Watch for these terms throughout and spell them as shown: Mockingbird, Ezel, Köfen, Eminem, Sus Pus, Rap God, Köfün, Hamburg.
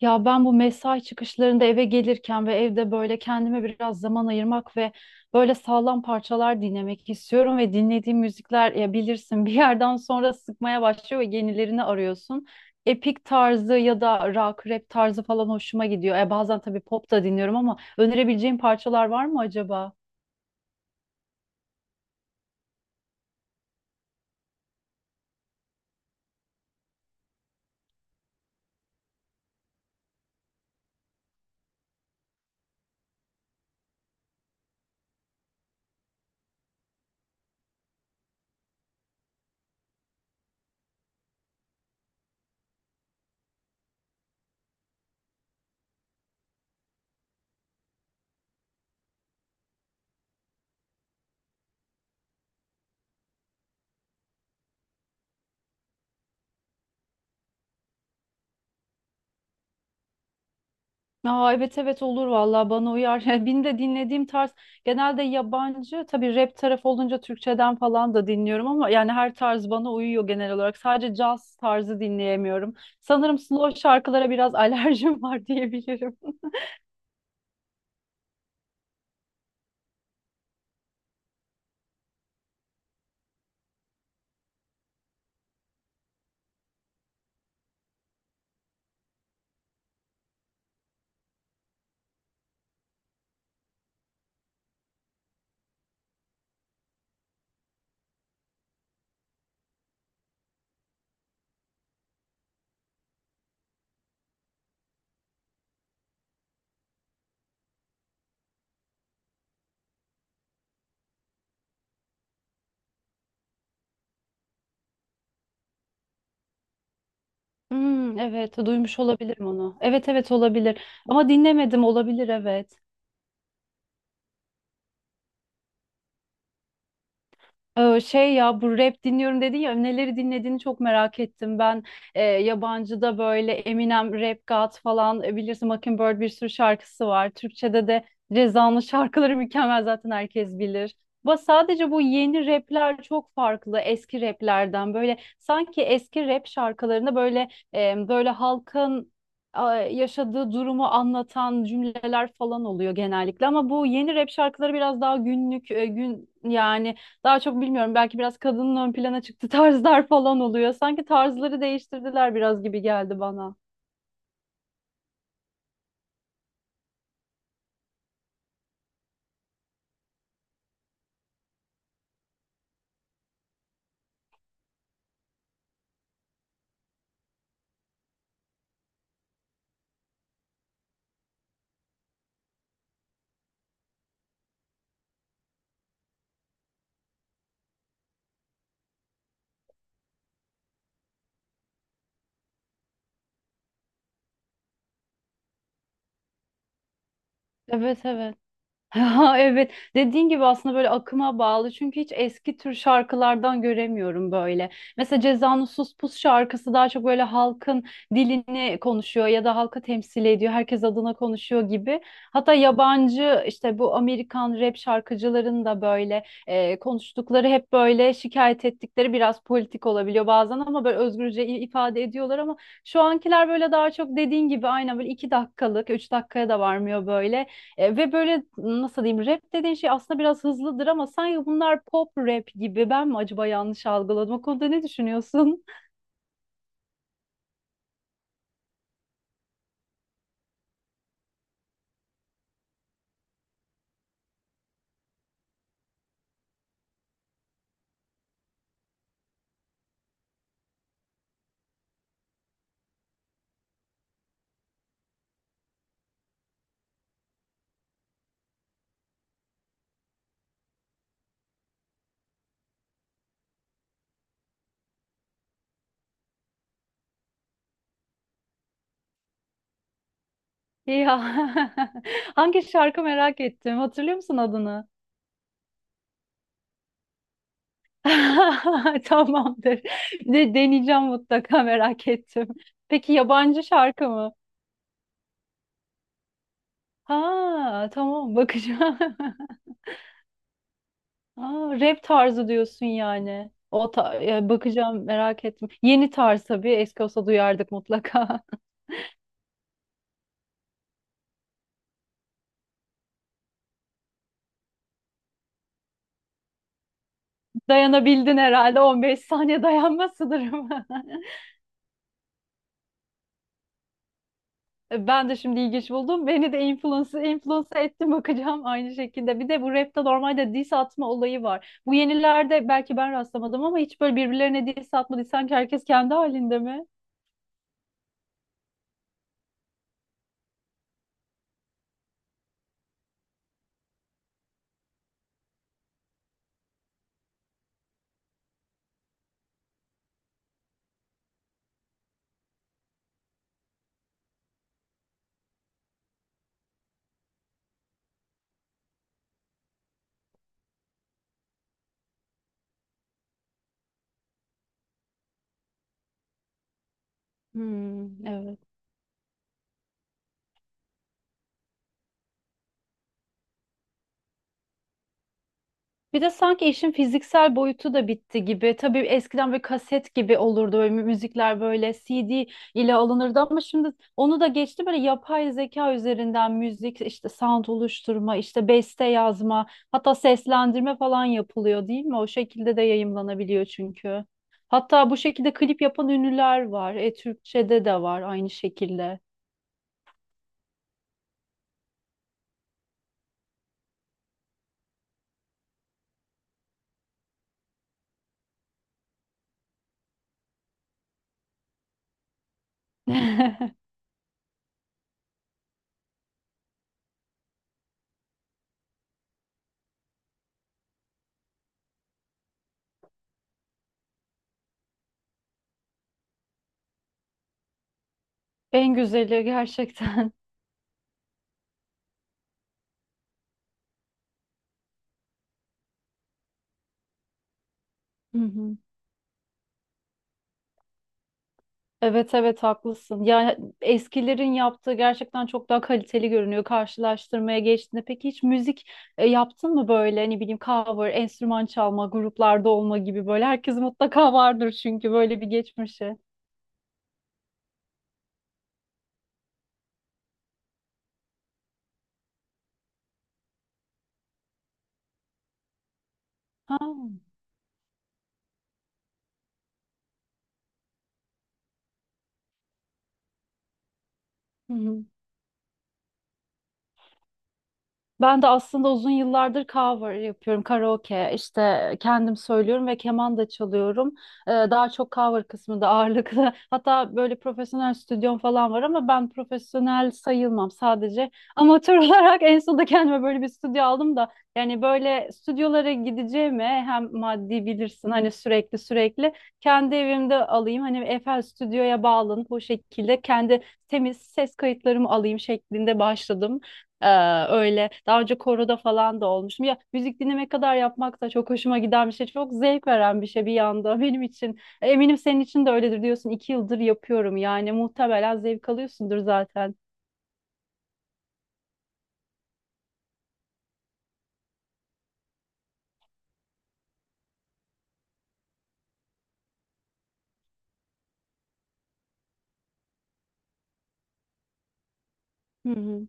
Ya ben bu mesai çıkışlarında eve gelirken ve evde böyle kendime biraz zaman ayırmak ve böyle sağlam parçalar dinlemek istiyorum ve dinlediğim müzikler ya bilirsin bir yerden sonra sıkmaya başlıyor ve yenilerini arıyorsun. Epik tarzı ya da rock, rap tarzı falan hoşuma gidiyor. E bazen tabii pop da dinliyorum ama önerebileceğim parçalar var mı acaba? Aa, evet evet olur vallahi bana uyar. Benim de dinlediğim tarz genelde yabancı, tabii rap tarafı olunca Türkçeden falan da dinliyorum ama yani her tarz bana uyuyor genel olarak. Sadece caz tarzı dinleyemiyorum. Sanırım slow şarkılara biraz alerjim var diyebilirim. Hmm, evet duymuş olabilirim onu. Evet evet olabilir ama dinlemedim, olabilir evet. Ya bu rap dinliyorum dedin ya, neleri dinlediğini çok merak ettim. Ben yabancıda böyle Eminem, Rap God falan, bilirsin Mockingbird, bir sürü şarkısı var. Türkçe'de de Reza'nın şarkıları mükemmel, zaten herkes bilir. Ama sadece bu yeni rapler çok farklı eski raplerden. Böyle sanki eski rap şarkılarında böyle böyle halkın yaşadığı durumu anlatan cümleler falan oluyor genellikle, ama bu yeni rap şarkıları biraz daha günlük, e, gün yani daha çok bilmiyorum, belki biraz kadının ön plana çıktı tarzlar falan oluyor. Sanki tarzları değiştirdiler biraz gibi geldi bana. Evet evet. Ha, evet dediğin gibi aslında böyle akıma bağlı, çünkü hiç eski tür şarkılardan göremiyorum böyle. Mesela Ceza'nın Sus Pus şarkısı daha çok böyle halkın dilini konuşuyor ya da halkı temsil ediyor. Herkes adına konuşuyor gibi. Hatta yabancı işte bu Amerikan rap şarkıcıların da böyle konuştukları hep böyle, şikayet ettikleri biraz politik olabiliyor bazen, ama böyle özgürce ifade ediyorlar ama şu ankiler böyle daha çok dediğin gibi aynen, böyle iki dakikalık, üç dakikaya da varmıyor böyle, ve böyle nasıl diyeyim, rap dediğin şey aslında biraz hızlıdır ama sanki bunlar pop rap gibi. Ben mi acaba yanlış algıladım? O konuda ne düşünüyorsun? Ya hangi şarkı, merak ettim. Hatırlıyor musun adını? Tamamdır. Deneyeceğim mutlaka, merak ettim. Peki yabancı şarkı mı? Ha tamam, bakacağım. Aa, rap tarzı diyorsun yani. Bakacağım, merak ettim. Yeni tarz tabii. Eski olsa duyardık mutlaka. Dayanabildin herhalde, 15 saniye dayanma sınırım. Ben de şimdi ilginç buldum. Beni de influence ettim, bakacağım aynı şekilde. Bir de bu rapte normalde diss atma olayı var. Bu yenilerde belki ben rastlamadım ama hiç böyle birbirlerine diss atma. Sanki herkes kendi halinde mi? Hmm. Bir de sanki işin fiziksel boyutu da bitti gibi. Tabii eskiden böyle kaset gibi olurdu böyle müzikler, böyle CD ile alınırdı ama şimdi onu da geçti, böyle yapay zeka üzerinden müzik işte sound oluşturma, işte beste yazma, hatta seslendirme falan yapılıyor değil mi? O şekilde de yayımlanabiliyor çünkü. Hatta bu şekilde klip yapan ünlüler var. E, Türkçe'de de var aynı şekilde. En güzeli gerçekten. Hı hı. Evet evet haklısın. Ya eskilerin yaptığı gerçekten çok daha kaliteli görünüyor karşılaştırmaya geçtiğinde. Peki hiç müzik yaptın mı, böyle ne bileyim cover, enstrüman çalma, gruplarda olma gibi? Böyle herkes mutlaka vardır çünkü böyle bir geçmişi. Ha. Hı hı. Ben de aslında uzun yıllardır cover yapıyorum, karaoke, işte kendim söylüyorum ve keman da çalıyorum. Daha çok cover kısmında ağırlıklı. Hatta böyle profesyonel stüdyom falan var ama ben profesyonel sayılmam, sadece amatör olarak en sonunda kendime böyle bir stüdyo aldım da. Yani böyle stüdyolara gideceğime, hem maddi, bilirsin hani, sürekli kendi evimde alayım. Hani Eiffel Stüdyo'ya bağlanıp o şekilde kendi temiz ses kayıtlarımı alayım şeklinde başladım. Ee, öyle daha önce koroda falan da olmuştum. Ya müzik dinlemek kadar yapmak da çok hoşuma giden bir şey. Çok zevk veren bir şey bir yanda benim için. Eminim senin için de öyledir diyorsun. İki yıldır yapıyorum yani, muhtemelen zevk alıyorsundur zaten. Hı hı.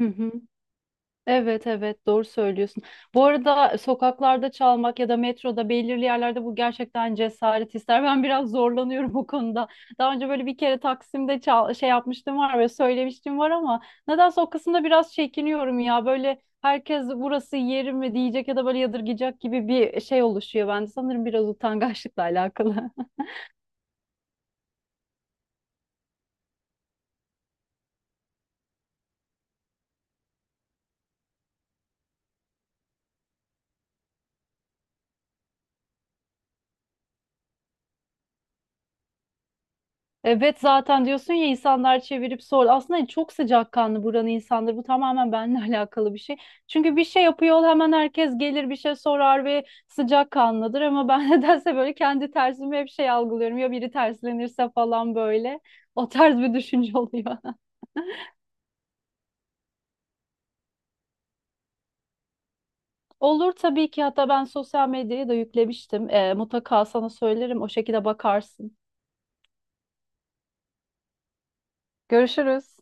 Hı hı. Evet evet, doğru söylüyorsun. Bu arada sokaklarda çalmak ya da metroda belirli yerlerde, bu gerçekten cesaret ister. Ben biraz zorlanıyorum bu konuda. Daha önce böyle bir kere Taksim'de çal şey yapmıştım var ve söylemiştim var ama nedense o kısımda biraz çekiniyorum ya. Böyle herkes burası yerim mi diyecek ya da böyle yadırgayacak gibi bir şey oluşuyor bende. Sanırım biraz utangaçlıkla alakalı. Evet, zaten diyorsun ya insanlar çevirip sor. Aslında çok sıcakkanlı buranın insanları. Bu tamamen benimle alakalı bir şey. Çünkü bir şey yapıyor, hemen herkes gelir, bir şey sorar ve sıcakkanlıdır. Ama ben nedense böyle kendi tersimi hep şey algılıyorum. Ya biri terslenirse falan böyle. O tarz bir düşünce oluyor. Olur tabii ki, hatta ben sosyal medyaya da yüklemiştim. Mutlaka sana söylerim, o şekilde bakarsın. Görüşürüz.